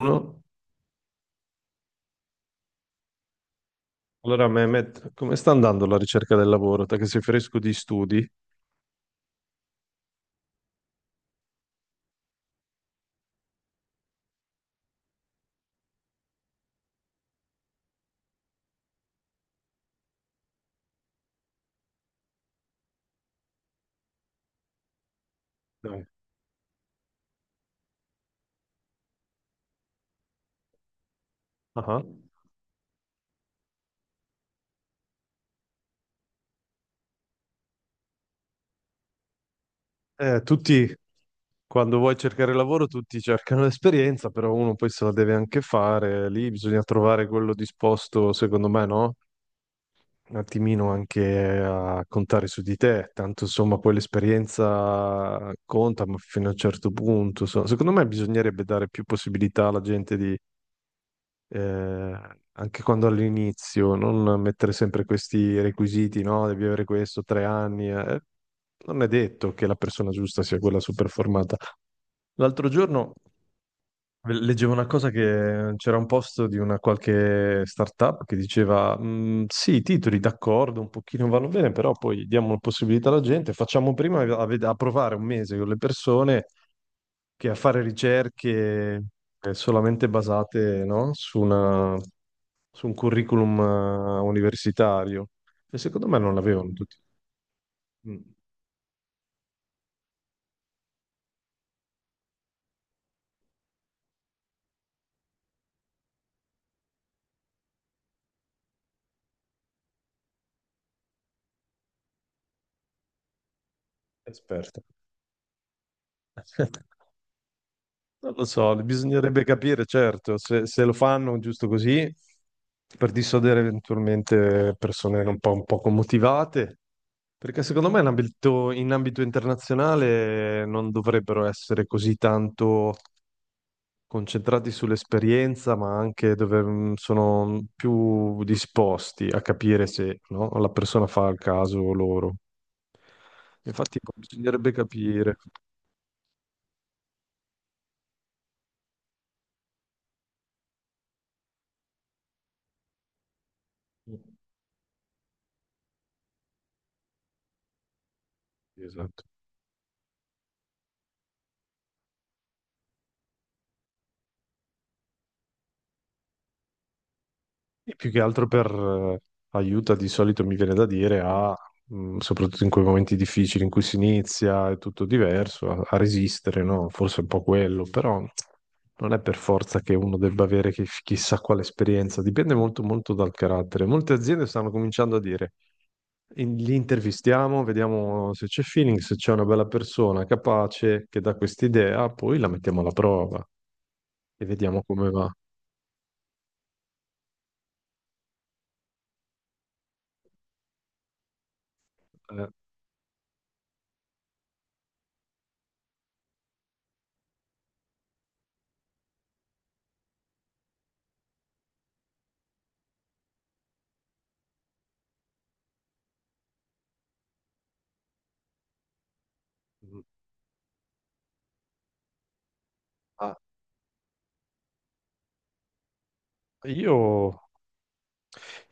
Uno. Allora, Mehmet, come sta andando la ricerca del lavoro? Te che sei fresco di studi? Dai. Ah. Tutti, quando vuoi cercare lavoro, tutti cercano l'esperienza, però uno poi se la deve anche fare. Lì bisogna trovare quello disposto, secondo me, no? Un attimino anche a contare su di te. Tanto, insomma, poi l'esperienza conta, ma fino a un certo punto. Secondo me bisognerebbe dare più possibilità alla gente eh, anche quando all'inizio, non mettere sempre questi requisiti, no? Devi avere questo, tre anni. Non è detto che la persona giusta sia quella super formata. L'altro giorno leggevo una cosa che c'era un post di una qualche startup che diceva: "Mm, sì, i titoli d'accordo, un pochino vanno bene, però poi diamo la possibilità alla gente, facciamo prima a provare un mese con le persone che a fare ricerche solamente basate, no? Su una su un curriculum universitario e secondo me non l'avevano tutti mm, esperto. Non lo so, bisognerebbe capire, certo, se lo fanno giusto così per dissodere eventualmente persone un poco motivate, perché secondo me in ambito internazionale non dovrebbero essere così tanto concentrati sull'esperienza, ma anche dove sono più disposti a capire se no, la persona fa il caso loro. Infatti, bisognerebbe capire. Esatto. E più che altro per aiuta di solito mi viene da dire soprattutto in quei momenti difficili in cui si inizia, è tutto diverso, a resistere, no? Forse è un po' quello, però non è per forza che uno debba avere chissà quale esperienza, dipende molto dal carattere. Molte aziende stanno cominciando a dire, li intervistiamo, vediamo se c'è feeling, se c'è una bella persona capace che dà quest'idea, poi la mettiamo alla prova e vediamo come va. Eh, mhmm, ah, io...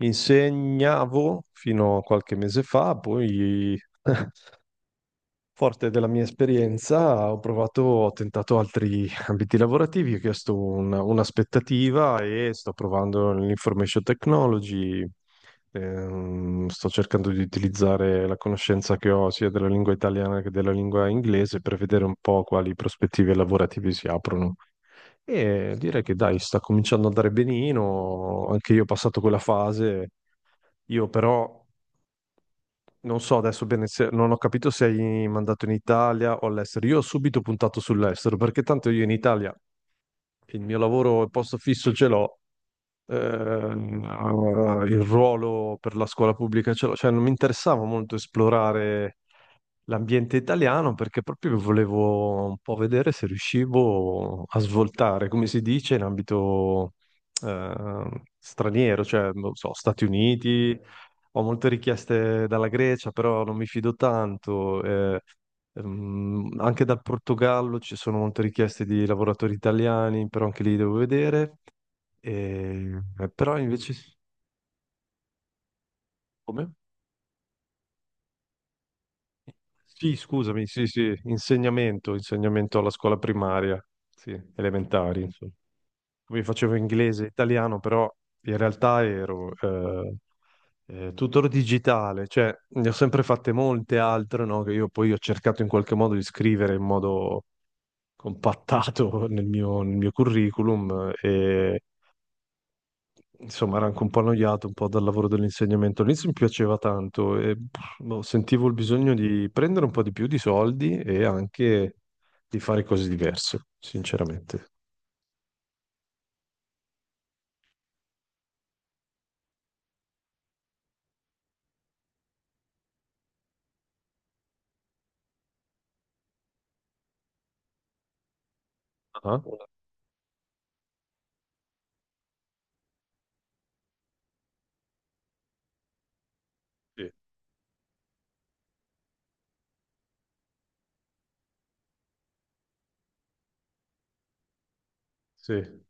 Insegnavo fino a qualche mese fa, poi, forte della mia esperienza, ho provato, ho tentato altri ambiti lavorativi, ho chiesto un'aspettativa e sto provando l'information technology. Sto cercando di utilizzare la conoscenza che ho sia della lingua italiana che della lingua inglese per vedere un po' quali prospettive lavorative si aprono. E direi che dai, sta cominciando ad andare benino, anche io ho passato quella fase io però non so adesso bene se non ho capito se hai mandato in Italia o all'estero. Io ho subito puntato sull'estero perché tanto io in Italia il mio lavoro, il posto fisso ce l'ho, il ruolo per la scuola pubblica ce l'ho, cioè non mi interessava molto esplorare l'ambiente italiano perché proprio volevo un po' vedere se riuscivo a svoltare, come si dice, in ambito straniero, cioè, non so, Stati Uniti, ho molte richieste dalla Grecia, però non mi fido tanto. Anche dal Portogallo ci sono molte richieste di lavoratori italiani, però anche lì devo vedere. Però invece... Come? Sì, scusami, sì, sì, insegnamento, insegnamento alla scuola primaria, sì, elementari, insomma. Come facevo inglese e italiano, però in realtà ero tutor digitale, cioè ne ho sempre fatte molte altre, no? Che io poi ho cercato in qualche modo di scrivere in modo compattato nel mio curriculum. Insomma, ero anche un po' annoiato un po' dal lavoro dell'insegnamento. All'inizio mi piaceva tanto e pff, boh, sentivo il bisogno di prendere un po' di più di soldi e anche di fare cose diverse, sinceramente. Ah, sì, sì.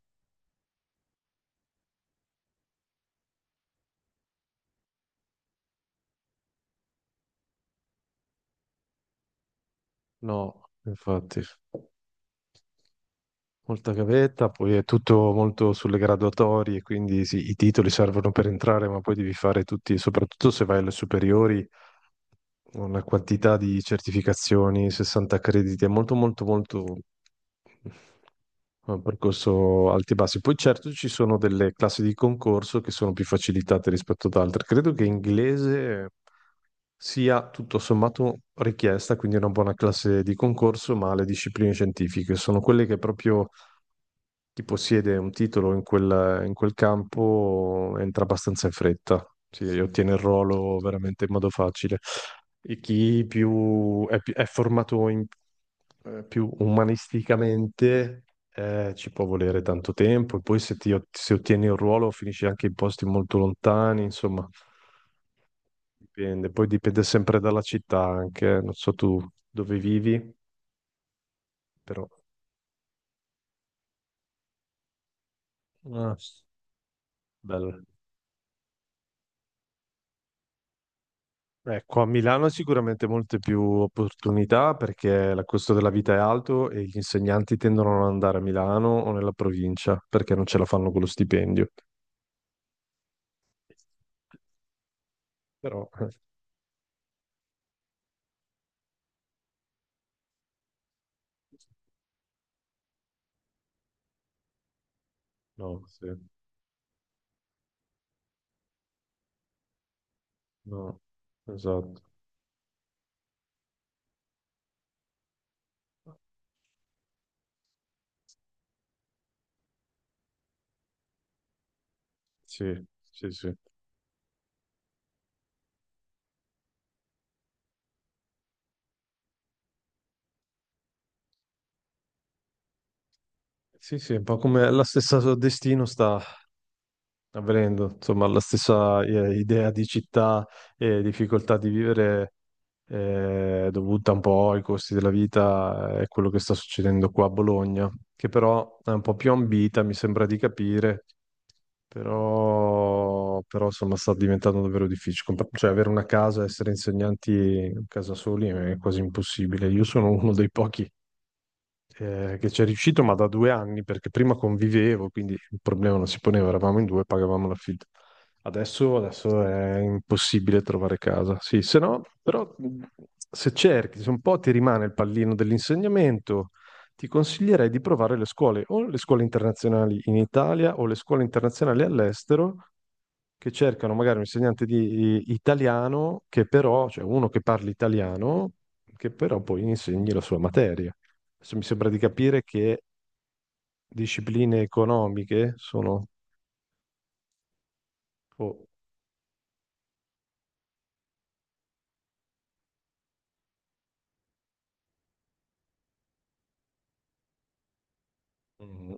No, infatti, molta gavetta, poi è tutto molto sulle graduatorie, quindi sì, i titoli servono per entrare, ma poi devi fare tutti, soprattutto se vai alle superiori, una quantità di certificazioni, 60 crediti, è molto un percorso alti e bassi. Poi certo ci sono delle classi di concorso che sono più facilitate rispetto ad altre. Credo che inglese sia tutto sommato richiesta, quindi una buona classe di concorso, ma le discipline scientifiche sono quelle che proprio chi possiede un titolo in quel campo entra abbastanza in fretta, si sì, ottiene il ruolo veramente in modo facile. E chi più è, pi- è formato più umanisticamente ci può volere tanto tempo, e poi se, ti ot- se ottieni un ruolo finisci anche in posti molto lontani, insomma, dipende. Poi dipende sempre dalla città anche, eh. Non so tu dove vivi, però... Ah, bello. Ecco, a Milano sicuramente molte più opportunità perché il costo della vita è alto e gli insegnanti tendono a non andare a Milano o nella provincia perché non ce la fanno con lo stipendio. Però, no, sì, no, esatto. Sì, sì, sì. Sì, sì, un po' come la stessa so, destino sta avvenendo, insomma, la stessa idea di città e difficoltà di vivere dovuta un po' ai costi della vita e quello che sta succedendo qua a Bologna, che però è un po' più ambita, mi sembra di capire, insomma sta diventando davvero difficile. Cioè avere una casa, essere insegnanti a casa soli è quasi impossibile. Io sono uno dei pochi che ci è riuscito, ma da due anni, perché prima convivevo, quindi il problema non si poneva, eravamo in due, pagavamo l'affitto. Adesso è impossibile trovare casa. Sì, se no, però se cerchi, se un po' ti rimane il pallino dell'insegnamento, ti consiglierei di provare le scuole, o le scuole internazionali in Italia o le scuole internazionali all'estero che cercano magari un insegnante di italiano che però, cioè uno che parli italiano, che però poi insegni la sua materia. Adesso mi sembra di capire che discipline economiche sono... Oh, mm,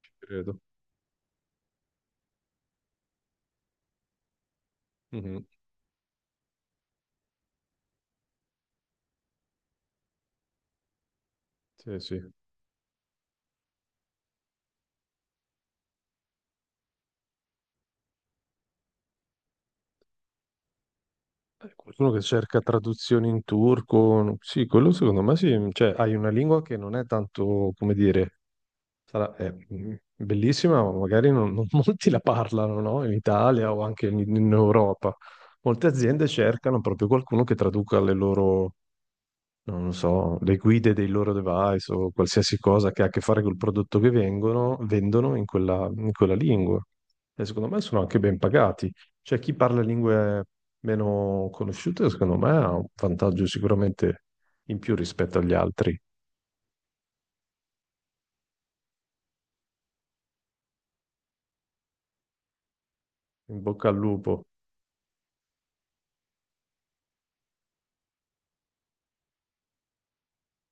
ci credo. Mhm. Sì, sì. Qualcuno che cerca traduzioni in turco, no- sì, quello secondo me sì, cioè hai una lingua che non è tanto, come dire, sarà, è mm, bellissima, ma magari non molti la parlano, no? In Italia o anche in Europa. Molte aziende cercano proprio qualcuno che traduca le loro non lo so, le guide dei loro device o qualsiasi cosa che ha a che fare col prodotto che vengono, vendono in quella lingua. E secondo me sono anche ben pagati. Cioè, chi parla lingue meno conosciute, secondo me, ha un vantaggio sicuramente in più rispetto agli altri. In bocca al lupo.